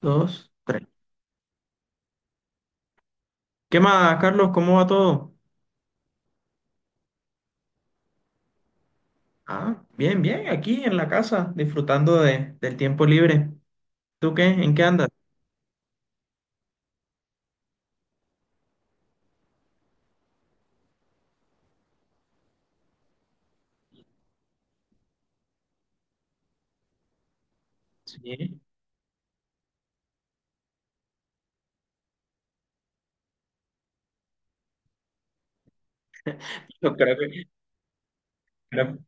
Dos, tres. ¿Qué más, Carlos? ¿Cómo va todo? Ah, bien, bien, aquí en la casa, disfrutando del tiempo libre. ¿Tú qué? ¿En qué andas? Sí, yo creo que... creo-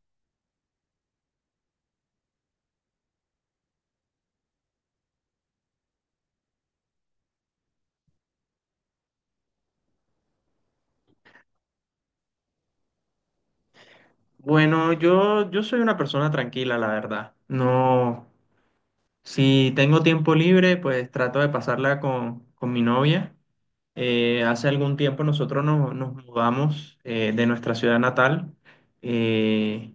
Bueno, yo soy una persona tranquila, la verdad. No, si tengo tiempo libre, pues trato de pasarla con mi novia. Hace algún tiempo nosotros nos mudamos de nuestra ciudad natal. Eh,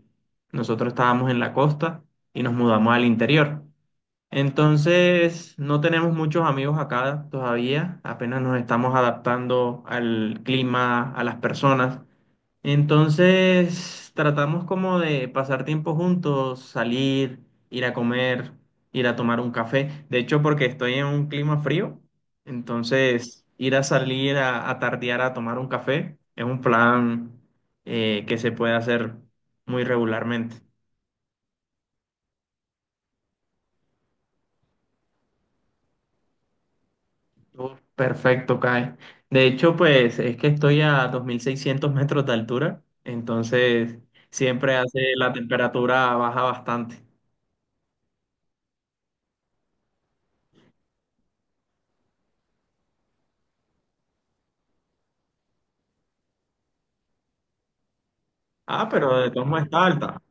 Nosotros estábamos en la costa y nos mudamos al interior. Entonces, no tenemos muchos amigos acá todavía, apenas nos estamos adaptando al clima, a las personas. Entonces, tratamos como de pasar tiempo juntos, salir, ir a comer, ir a tomar un café. De hecho, porque estoy en un clima frío, entonces ir a salir a tardear a tomar un café es un plan que se puede hacer muy regularmente. Uf, perfecto, Kai. De hecho, pues es que estoy a 2.600 metros de altura, entonces siempre hace la temperatura baja bastante. Ah, pero de todos modos está alta.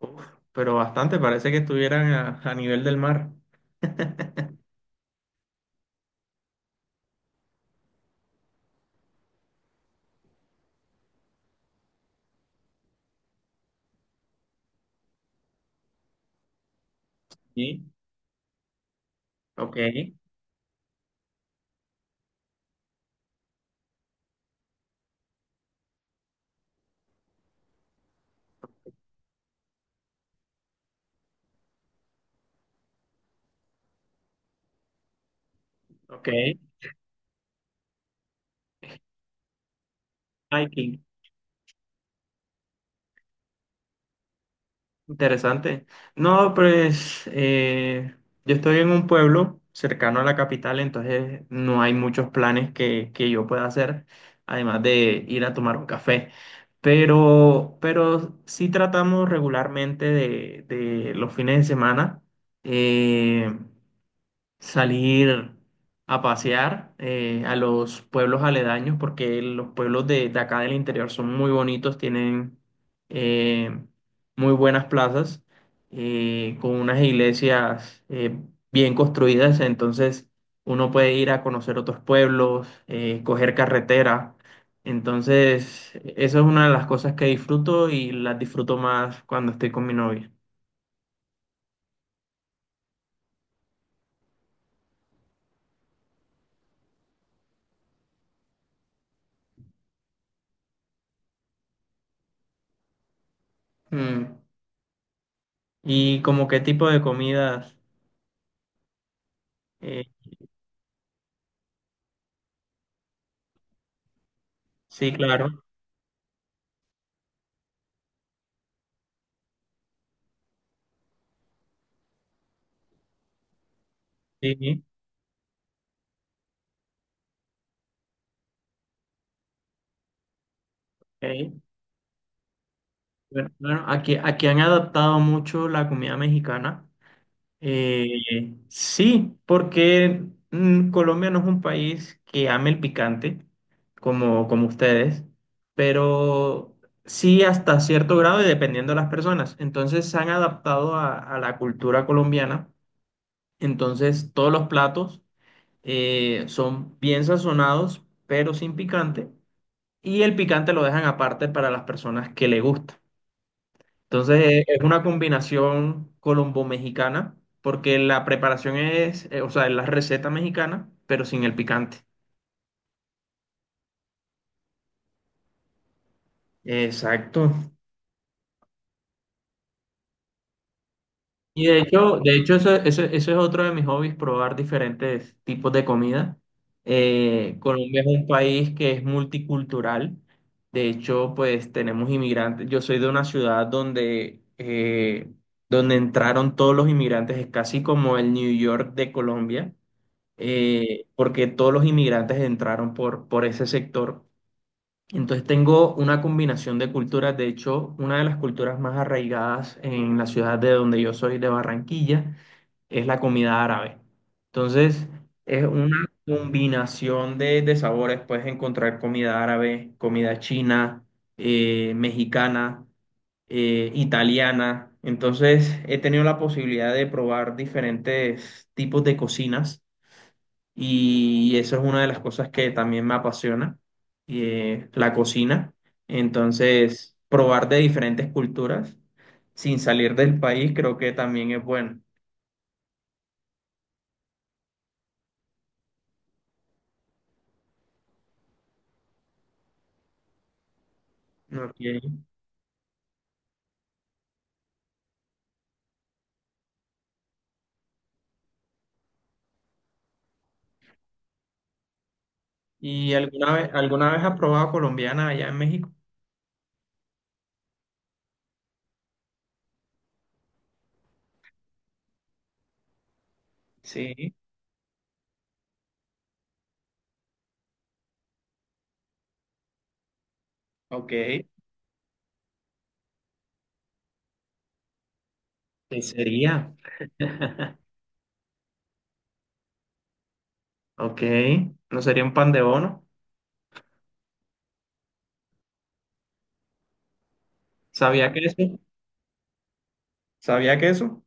Uf, pero bastante, parece que estuvieran a nivel del mar. Sí, ok, ok. Hiking. Interesante. No, pues yo estoy en un pueblo cercano a la capital, entonces no hay muchos planes que yo pueda hacer, además de ir a tomar un café. Pero sí tratamos regularmente de los fines de semana. eh, Salir a pasear a los pueblos aledaños, porque los pueblos de acá del interior son muy bonitos, tienen eh, muy buenas plazas, con unas iglesias bien construidas, entonces uno puede ir a conocer otros pueblos, coger carretera. Entonces, esa es una de las cosas que disfruto y las disfruto más cuando estoy con mi novia. Mm. ¿Y como qué tipo de comidas? eh, Sí, claro. Sí. Ok. Bueno, bueno, aquí, aquí han adaptado mucho la comida mexicana. Eh, sí, porque Colombia no es un país que ame el picante como, como ustedes, pero sí hasta cierto grado y dependiendo de las personas. Entonces se han adaptado a la cultura colombiana. Entonces todos los platos son bien sazonados, pero sin picante. Y el picante lo dejan aparte para las personas que le gusta. Entonces es una combinación colombo-mexicana porque la preparación es, o sea, es la receta mexicana, pero sin el picante. Exacto. Y de hecho eso, eso, eso es otro de mis hobbies, probar diferentes tipos de comida. Colombia es un país que es multicultural. De hecho, pues tenemos inmigrantes. Yo soy de una ciudad donde, donde entraron todos los inmigrantes. Es casi como el New York de Colombia, porque todos los inmigrantes entraron por ese sector. Entonces tengo una combinación de culturas. De hecho, una de las culturas más arraigadas en la ciudad de donde yo soy, de Barranquilla, es la comida árabe. Entonces, es una combinación de sabores. Puedes encontrar comida árabe, comida china, mexicana, italiana. Entonces, he tenido la posibilidad de probar diferentes tipos de cocinas y eso es una de las cosas que también me apasiona, la cocina. Entonces, probar de diferentes culturas sin salir del país creo que también es bueno. ¿No? Ok. ¿Y alguna vez has probado colombiana allá en México? Sí, ok. ¿Qué sería? Ok, ¿no sería un pan de bono? ¿Sabía queso? ¿Sabía queso?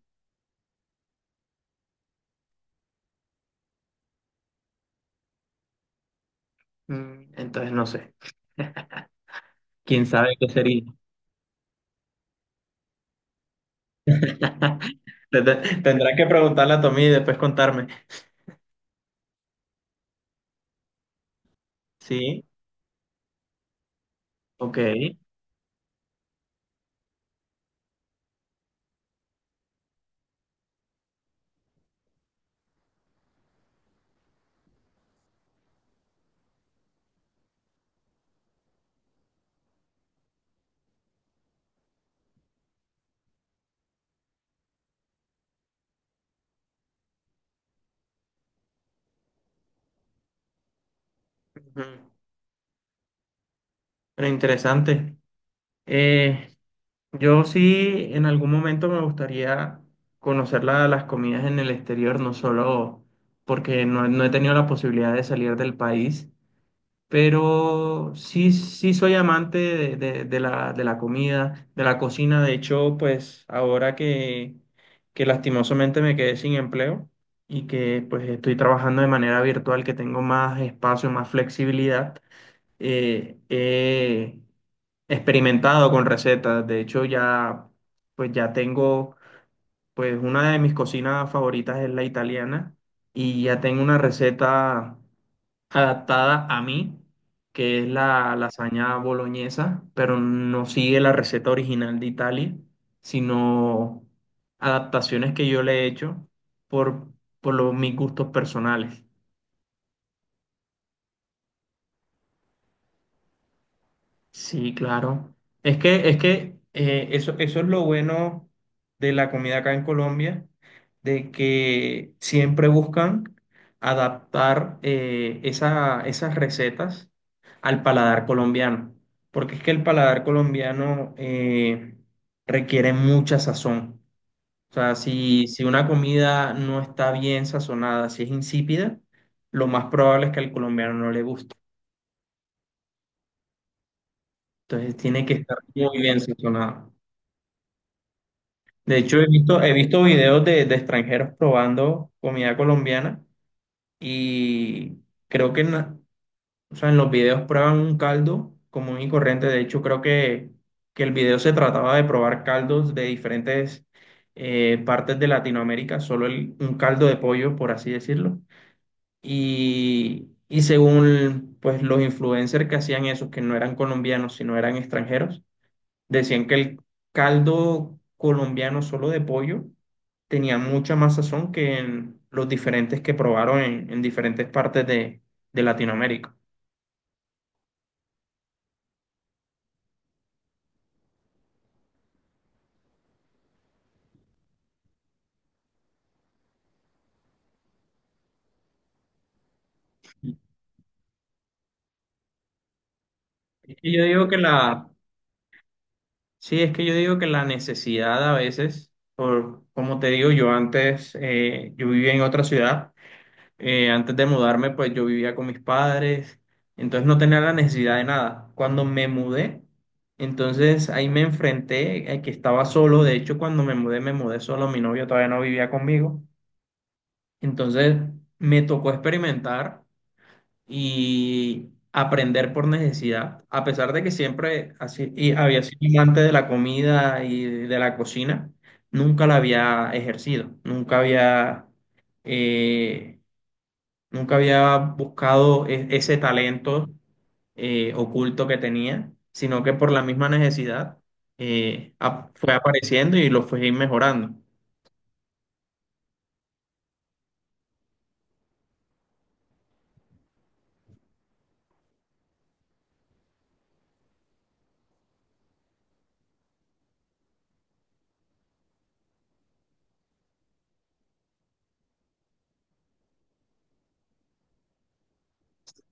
Mm, entonces no sé. ¿Quién sabe qué sería? Tendrá- Tendrás que preguntarle a Tommy y después contarme. Sí, ok. Ujú. Pero interesante. Eh, Yo sí, en algún momento me gustaría conocer las comidas en el exterior, no solo porque no, no he tenido la posibilidad de salir del país, pero sí, sí soy amante de, de la comida, de la cocina. De hecho, pues ahora que lastimosamente me quedé sin empleo y que pues estoy trabajando de manera virtual, que tengo más espacio, más flexibilidad, he experimentado con recetas. De hecho, ya, pues ya tengo, pues una de mis cocinas favoritas es la italiana y ya tengo una receta adaptada a mí, que es la lasaña boloñesa, pero no sigue la receta original de Italia, sino adaptaciones que yo le he hecho por, por los, mis gustos personales. Sí, claro. Es que eso, eso es lo bueno de la comida acá en Colombia, de que siempre buscan adaptar esas recetas al paladar colombiano, porque es que el paladar colombiano requiere mucha sazón. O sea, si, si una comida no está bien sazonada, si es insípida, lo más probable es que al colombiano no le guste. Entonces tiene que estar muy bien sazonada. De hecho, he visto videos de extranjeros probando comida colombiana y creo que o sea, en los videos prueban un caldo común y corriente. De hecho, creo que el video se trataba de probar caldos de diferentes partes de Latinoamérica, solo un caldo de pollo, por así decirlo. Y según pues, los influencers que hacían eso, que no eran colombianos, sino eran extranjeros, decían que el caldo colombiano solo de pollo tenía mucha más sazón que en los diferentes que probaron en diferentes partes de Latinoamérica. Es que yo digo que la, sí, es que yo digo que la necesidad a veces, por, como te digo, yo antes, yo vivía en otra ciudad antes de mudarme, pues yo vivía con mis padres, entonces no tenía la necesidad de nada. Cuando me mudé, entonces ahí me enfrenté a que estaba solo. De hecho, cuando me mudé solo. Mi novio todavía no vivía conmigo. Entonces me tocó experimentar y aprender por necesidad, a pesar de que siempre así, y había sido amante de la comida y de la cocina, nunca la había ejercido, eh, nunca había buscado ese talento oculto que tenía, sino que por la misma necesidad fue apareciendo y lo fui mejorando.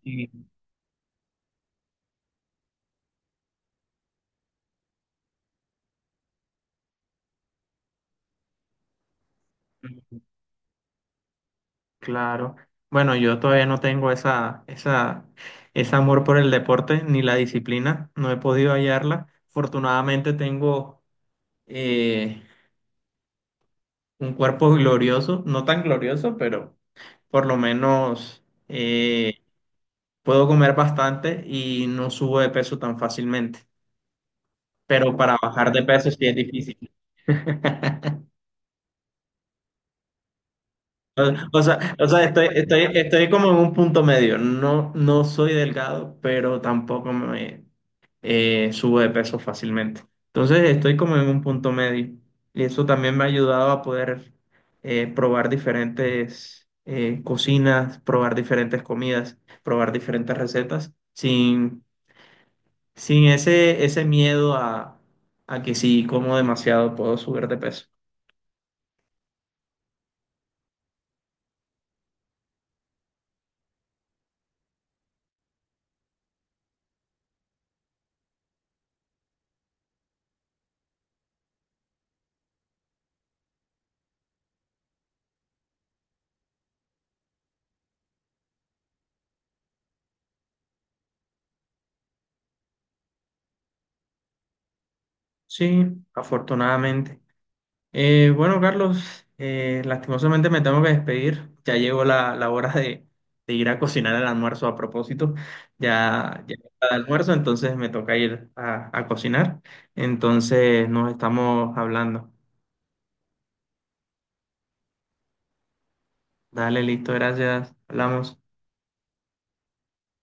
Y, claro, bueno, yo todavía no tengo esa, esa, ese amor por el deporte ni la disciplina, no he podido hallarla. Afortunadamente tengo eh, un cuerpo glorioso, no tan glorioso, pero por lo menos... puedo comer bastante y no subo de peso tan fácilmente, pero para bajar de peso sí es difícil. O sea, estoy, estoy, estoy como en un punto medio. No, no soy delgado, pero tampoco me subo de peso fácilmente. Entonces estoy como en un punto medio. Y eso también me ha ayudado a poder probar diferentes cocinas, probar diferentes comidas, probar diferentes recetas, sin sin ese, ese miedo a que si como demasiado puedo subir de peso. Sí, afortunadamente. Bueno, Carlos, lastimosamente me tengo que despedir. Ya llegó la, la hora de ir a cocinar el almuerzo a propósito. Ya, ya está el almuerzo, entonces me toca ir a cocinar. Entonces nos estamos hablando. Dale, listo, gracias. Hablamos.